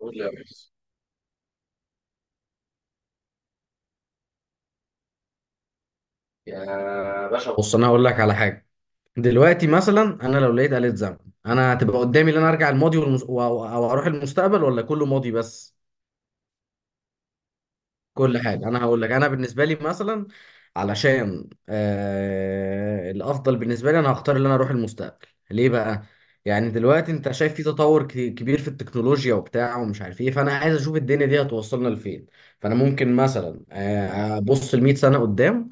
قول يا باشا. يا باشا بص بص انا هقول لك على حاجه. دلوقتي مثلا انا لو لقيت آلة زمن، انا هتبقى قدامي ان انا ارجع الماضي او اروح المستقبل ولا كله ماضي بس. كل حاجة أنا هقول لك أنا بالنسبة لي مثلا. علشان الأفضل بالنسبة لي أنا هختار إن أنا أروح المستقبل ليه بقى؟ يعني دلوقتي أنت شايف في تطور كبير في التكنولوجيا وبتاع ومش عارف إيه، فأنا عايز أشوف الدنيا دي هتوصلنا لفين. فأنا ممكن مثلا أبص لمية سنة قدام.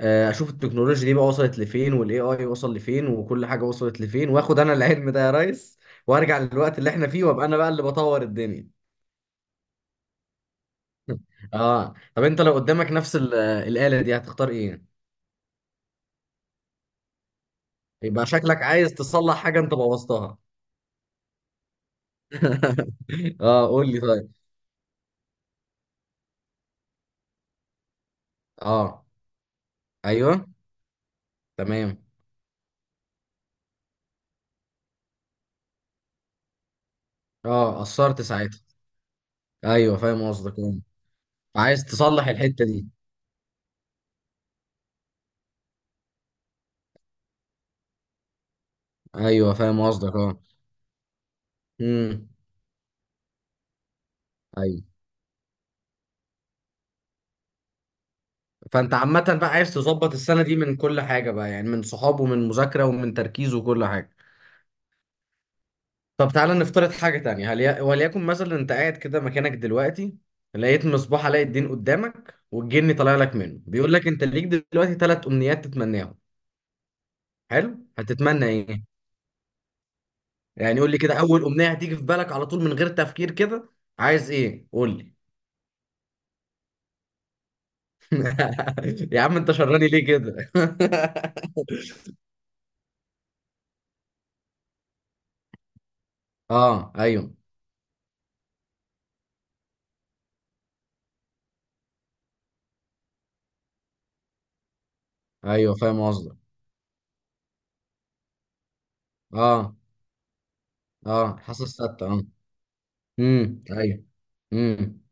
أشوف التكنولوجيا دي بقى وصلت لفين وال AI وصل لفين وكل حاجة وصلت لفين وآخد أنا العلم ده يا ريس. وأرجع للوقت اللي إحنا فيه وأبقى أنا بقى اللي بطور الدنيا. اه طب انت لو قدامك نفس الآلة دي هتختار ايه؟ يبقى شكلك عايز تصلح حاجة انت بوظتها. اه قول لي طيب. اه ايوه تمام. اه قصرت ساعتها. ايوه فاهم قصدك اه. عايز تصلح الحتة دي. ايوه فاهم قصدك اه. امم ايوه. فانت عامة بقى عايز تظبط السنة دي من كل حاجة بقى، يعني من صحاب ومن مذاكرة ومن تركيز وكل حاجة. طب تعالى نفترض حاجة تانية، وليكن مثلا انت قاعد كده مكانك دلوقتي، لقيت مصباح علاء الدين قدامك والجن طالع لك منه بيقول لك انت ليك دلوقتي ثلاث امنيات تتمناهم. حلو هتتمنى ايه؟ يعني قول لي كده اول امنية هتيجي في بالك على طول من غير تفكير كده. عايز ايه قول لي. يا عم انت شراني ليه كده. اه ايوه. ايوه فاهم قصدك اه. اه حاسس ستة اه. ايوه. امم.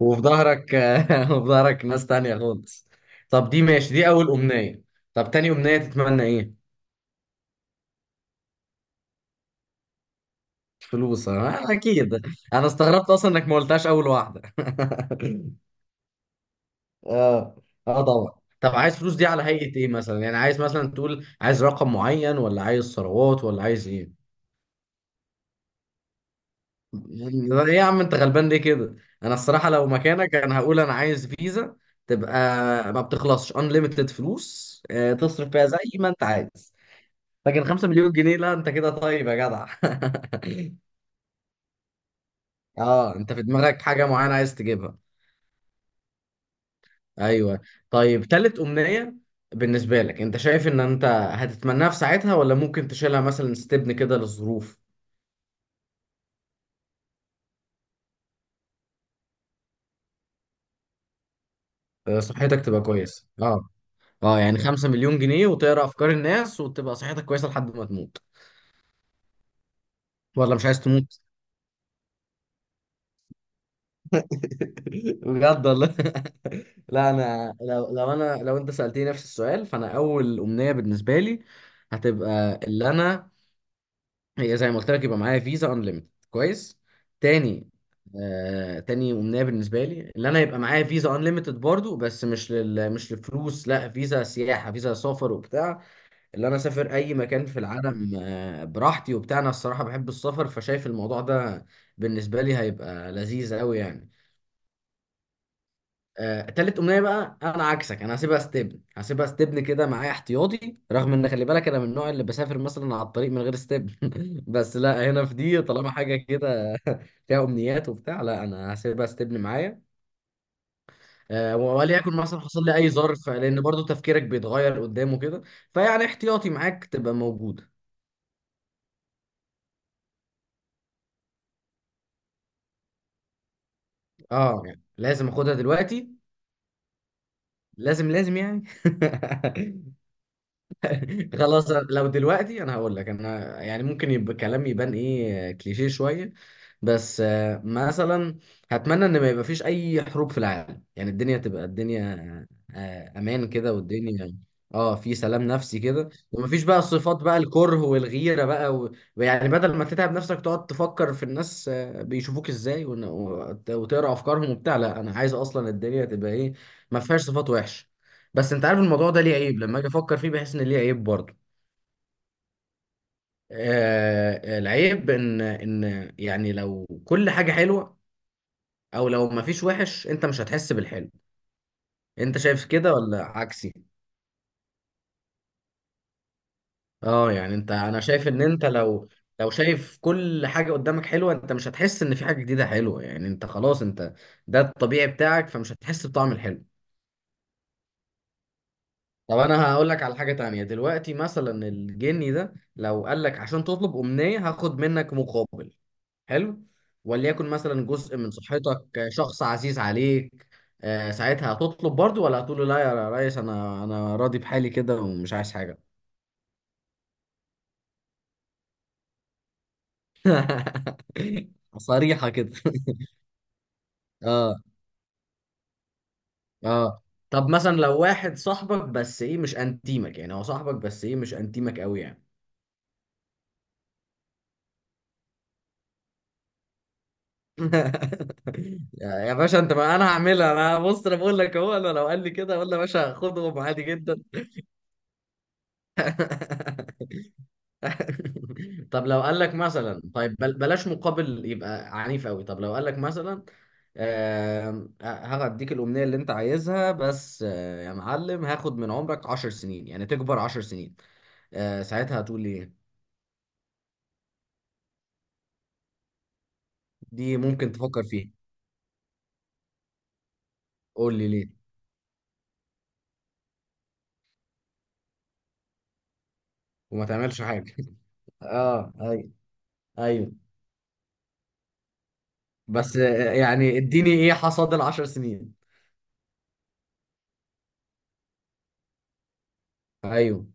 وفي ظهرك وفي ظهرك ناس تانية خالص. طب دي ماشي، دي أول أمنية. طب تاني أمنية تتمنى إيه؟ فلوس أكيد. أنا استغربت أصلا إنك ما قلتهاش أول واحدة. آه آه طبعا. طب عايز فلوس دي على هيئة إيه مثلا؟ يعني عايز مثلا تقول عايز رقم معين ولا عايز ثروات ولا عايز إيه؟ يعني إيه يا عم أنت غلبان ليه كده؟ أنا الصراحة لو مكانك أنا هقول أنا عايز فيزا. تبقى ما بتخلصش، unlimited فلوس تصرف فيها زي ما أنت عايز. لكن 5 مليون جنيه لا انت كده طيب يا جدع. اه انت في دماغك حاجة معينة عايز تجيبها. ايوه. طيب تالت امنية. بالنسبة لك انت شايف ان انت هتتمناها في ساعتها ولا ممكن تشيلها مثلا ستبن كده للظروف. صحتك تبقى كويسة اه. اه يعني 5 مليون جنيه وتقرا افكار الناس وتبقى صحتك كويسة لحد ما تموت. ولا مش عايز تموت؟ بجد والله. لا انا لو انت سألتني نفس السؤال، فانا اول امنية بالنسبة لي هتبقى اللي انا، هي زي ما قلت لك، يبقى معايا فيزا انليمتد كويس. تاني، تاني امنيه بالنسبه لي اللي انا يبقى معايا فيزا انليمتد برضو، بس مش للفلوس، لا فيزا سياحه فيزا سفر وبتاع. اللي انا اسافر اي مكان في العالم براحتي وبتاع، انا الصراحه بحب السفر، فشايف الموضوع ده بالنسبه لي هيبقى لذيذ قوي يعني. تالت امنيه بقى انا عكسك، انا هسيبها ستبن كده معايا احتياطي، رغم ان خلي بالك انا من النوع اللي بسافر مثلا على الطريق من غير ستبن. بس لا هنا في دي طالما حاجه كده فيها امنيات وبتاع، لا انا هسيبها ستبن معايا. وليكن مثلا حصل لي اي ظرف، لان برضو تفكيرك بيتغير قدامه كده، فيعني احتياطي معاك تبقى موجوده. اه يعني لازم اخدها دلوقتي؟ لازم لازم يعني. خلاص لو دلوقتي انا هقول لك انا، يعني ممكن يبقى كلام يبان ايه كليشيه شويه، بس مثلا هتمنى ان ما يبقى فيش اي حروب في العالم، يعني الدنيا تبقى الدنيا. امان كده والدنيا اه في سلام نفسي كده، ومفيش بقى الصفات بقى الكره والغيره بقى ويعني بدل ما تتعب نفسك تقعد تفكر في الناس بيشوفوك ازاي وتقرا افكارهم وبتاع، لا انا عايز اصلا الدنيا تبقى ايه، ما فيهاش صفات وحشه. بس انت عارف الموضوع ده ليه عيب لما اجي افكر فيه، بحس ان ليه عيب برضه. العيب ان يعني لو كل حاجة حلوة او لو ما فيش وحش انت مش هتحس بالحلو. انت شايف كده ولا عكسي؟ اه يعني انت انا شايف ان انت لو، لو شايف كل حاجة قدامك حلوة انت مش هتحس ان في حاجة جديدة حلوة، يعني انت خلاص انت ده الطبيعي بتاعك فمش هتحس بطعم الحلو. طب انا هقول لك على حاجة تانية، دلوقتي مثلا الجني ده لو قال لك عشان تطلب أمنية هاخد منك مقابل، حلو، وليكن مثلا جزء من صحتك، شخص عزيز عليك، ساعتها هتطلب برضو ولا هتقول له لا يا ريس انا راضي بحالي كده ومش عايز حاجه. صريحه كده. اه اه. طب مثلا لو واحد صاحبك بس ايه مش انتيمك، يعني هو صاحبك بس ايه مش انتيمك قوي يعني. يا باشا انت، ما انا هعملها انا، بص انا بقول لك اهو، انا لو قال لي كده اقول له يا باشا خدهم عادي جدا. طب لو قال لك مثلا طيب بلاش مقابل، يبقى عنيف قوي. طب لو قال لك مثلا هديك الأمنية اللي أنت عايزها بس يا معلم هاخد من عمرك عشر سنين، يعني تكبر عشر سنين، ساعتها هتقول لي إيه؟ دي ممكن تفكر فيها. قول لي ليه. وما تعملش حاجة. اه ايوه. ايوه بس يعني اديني ايه حصاد العشر سنين. ايوه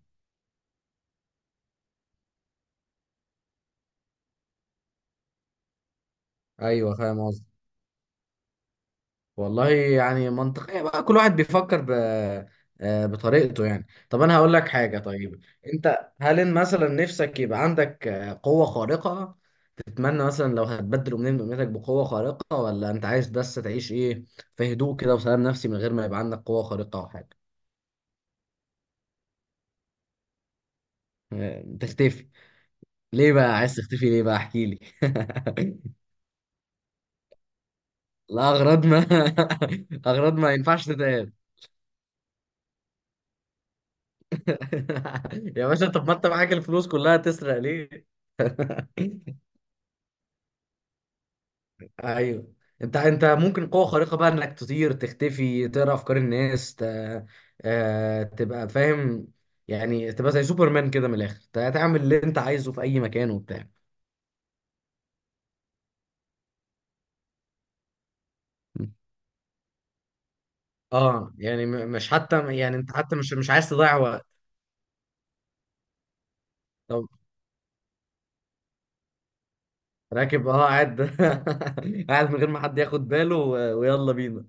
ايوه فاهم. والله يعني منطقية بقى، كل واحد بيفكر بطريقته يعني. طب انا هقول لك حاجة طيب، انت هل إن مثلا نفسك يبقى عندك قوة خارقة، تتمنى مثلا لو هتبدل امنية من امنياتك بقوة خارقة ولا انت عايز بس تعيش ايه في هدوء كده وسلام نفسي من غير ما يبقى عندك قوة خارقة او حاجة. تختفي. ليه بقى عايز تختفي ليه بقى احكي لي. لا اغراض ما. اغراض ما ينفعش تتقال. يا باشا طب ما انت معاك الفلوس كلها تسرق ليه. ايوه. انت ممكن قوه خارقه بقى انك تطير تختفي تقرا افكار الناس تبقى فاهم. يعني تبقى زي سوبرمان كده من الاخر تعمل اللي انت عايزه في اي مكان وبتاع. اه يعني مش حتى يعني انت حتى مش عايز تضيع وقت. طب راكب اه قاعد. قاعد من غير ما حد ياخد باله ويلا بينا.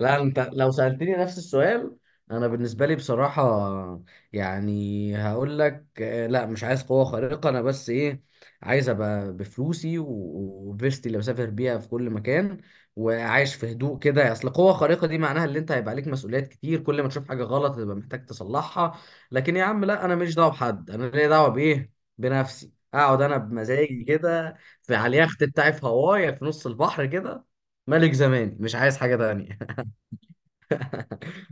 لا انت لو سألتني نفس السؤال، انا بالنسبه لي بصراحه يعني هقول لك لا مش عايز قوه خارقه، انا بس ايه، عايز ابقى بفلوسي وفيستي اللي بسافر بيها في كل مكان، وعايش في هدوء كده. اصل قوه خارقه دي معناها ان انت هيبقى عليك مسؤوليات كتير، كل ما تشوف حاجه غلط هتبقى محتاج تصلحها. لكن يا عم لا انا ماليش دعوه بحد، انا ليا دعوه بايه؟ بنفسي، اقعد انا بمزاجي كده في على اليخت بتاعي في هواي في نص البحر كده، ملك زماني مش عايز حاجه تانية.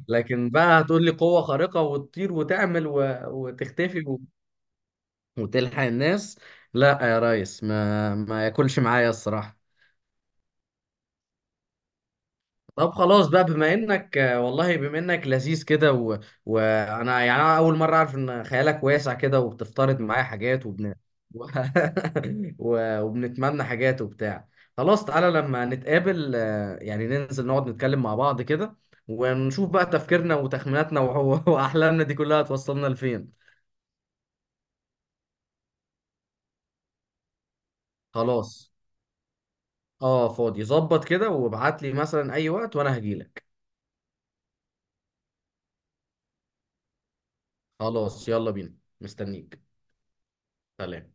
لكن بقى هتقول لي قوة خارقة وتطير وتعمل وتختفي وتلحق الناس، لا يا ريس ما ما ياكلش معايا الصراحة. طب خلاص بقى بما انك والله بما انك لذيذ كده وانا يعني انا اول مرة اعرف ان خيالك واسع كده وبتفترض معايا حاجات و... وبنتمنى حاجات وبتاع. خلاص تعالى لما نتقابل يعني ننزل نقعد نتكلم مع بعض كده ونشوف بقى تفكيرنا وتخميناتنا واحلامنا دي كلها توصلنا لفين. خلاص اه فاضي ظبط كده، وابعت لي مثلا اي وقت وانا هجيلك. خلاص يلا بينا مستنيك. سلام.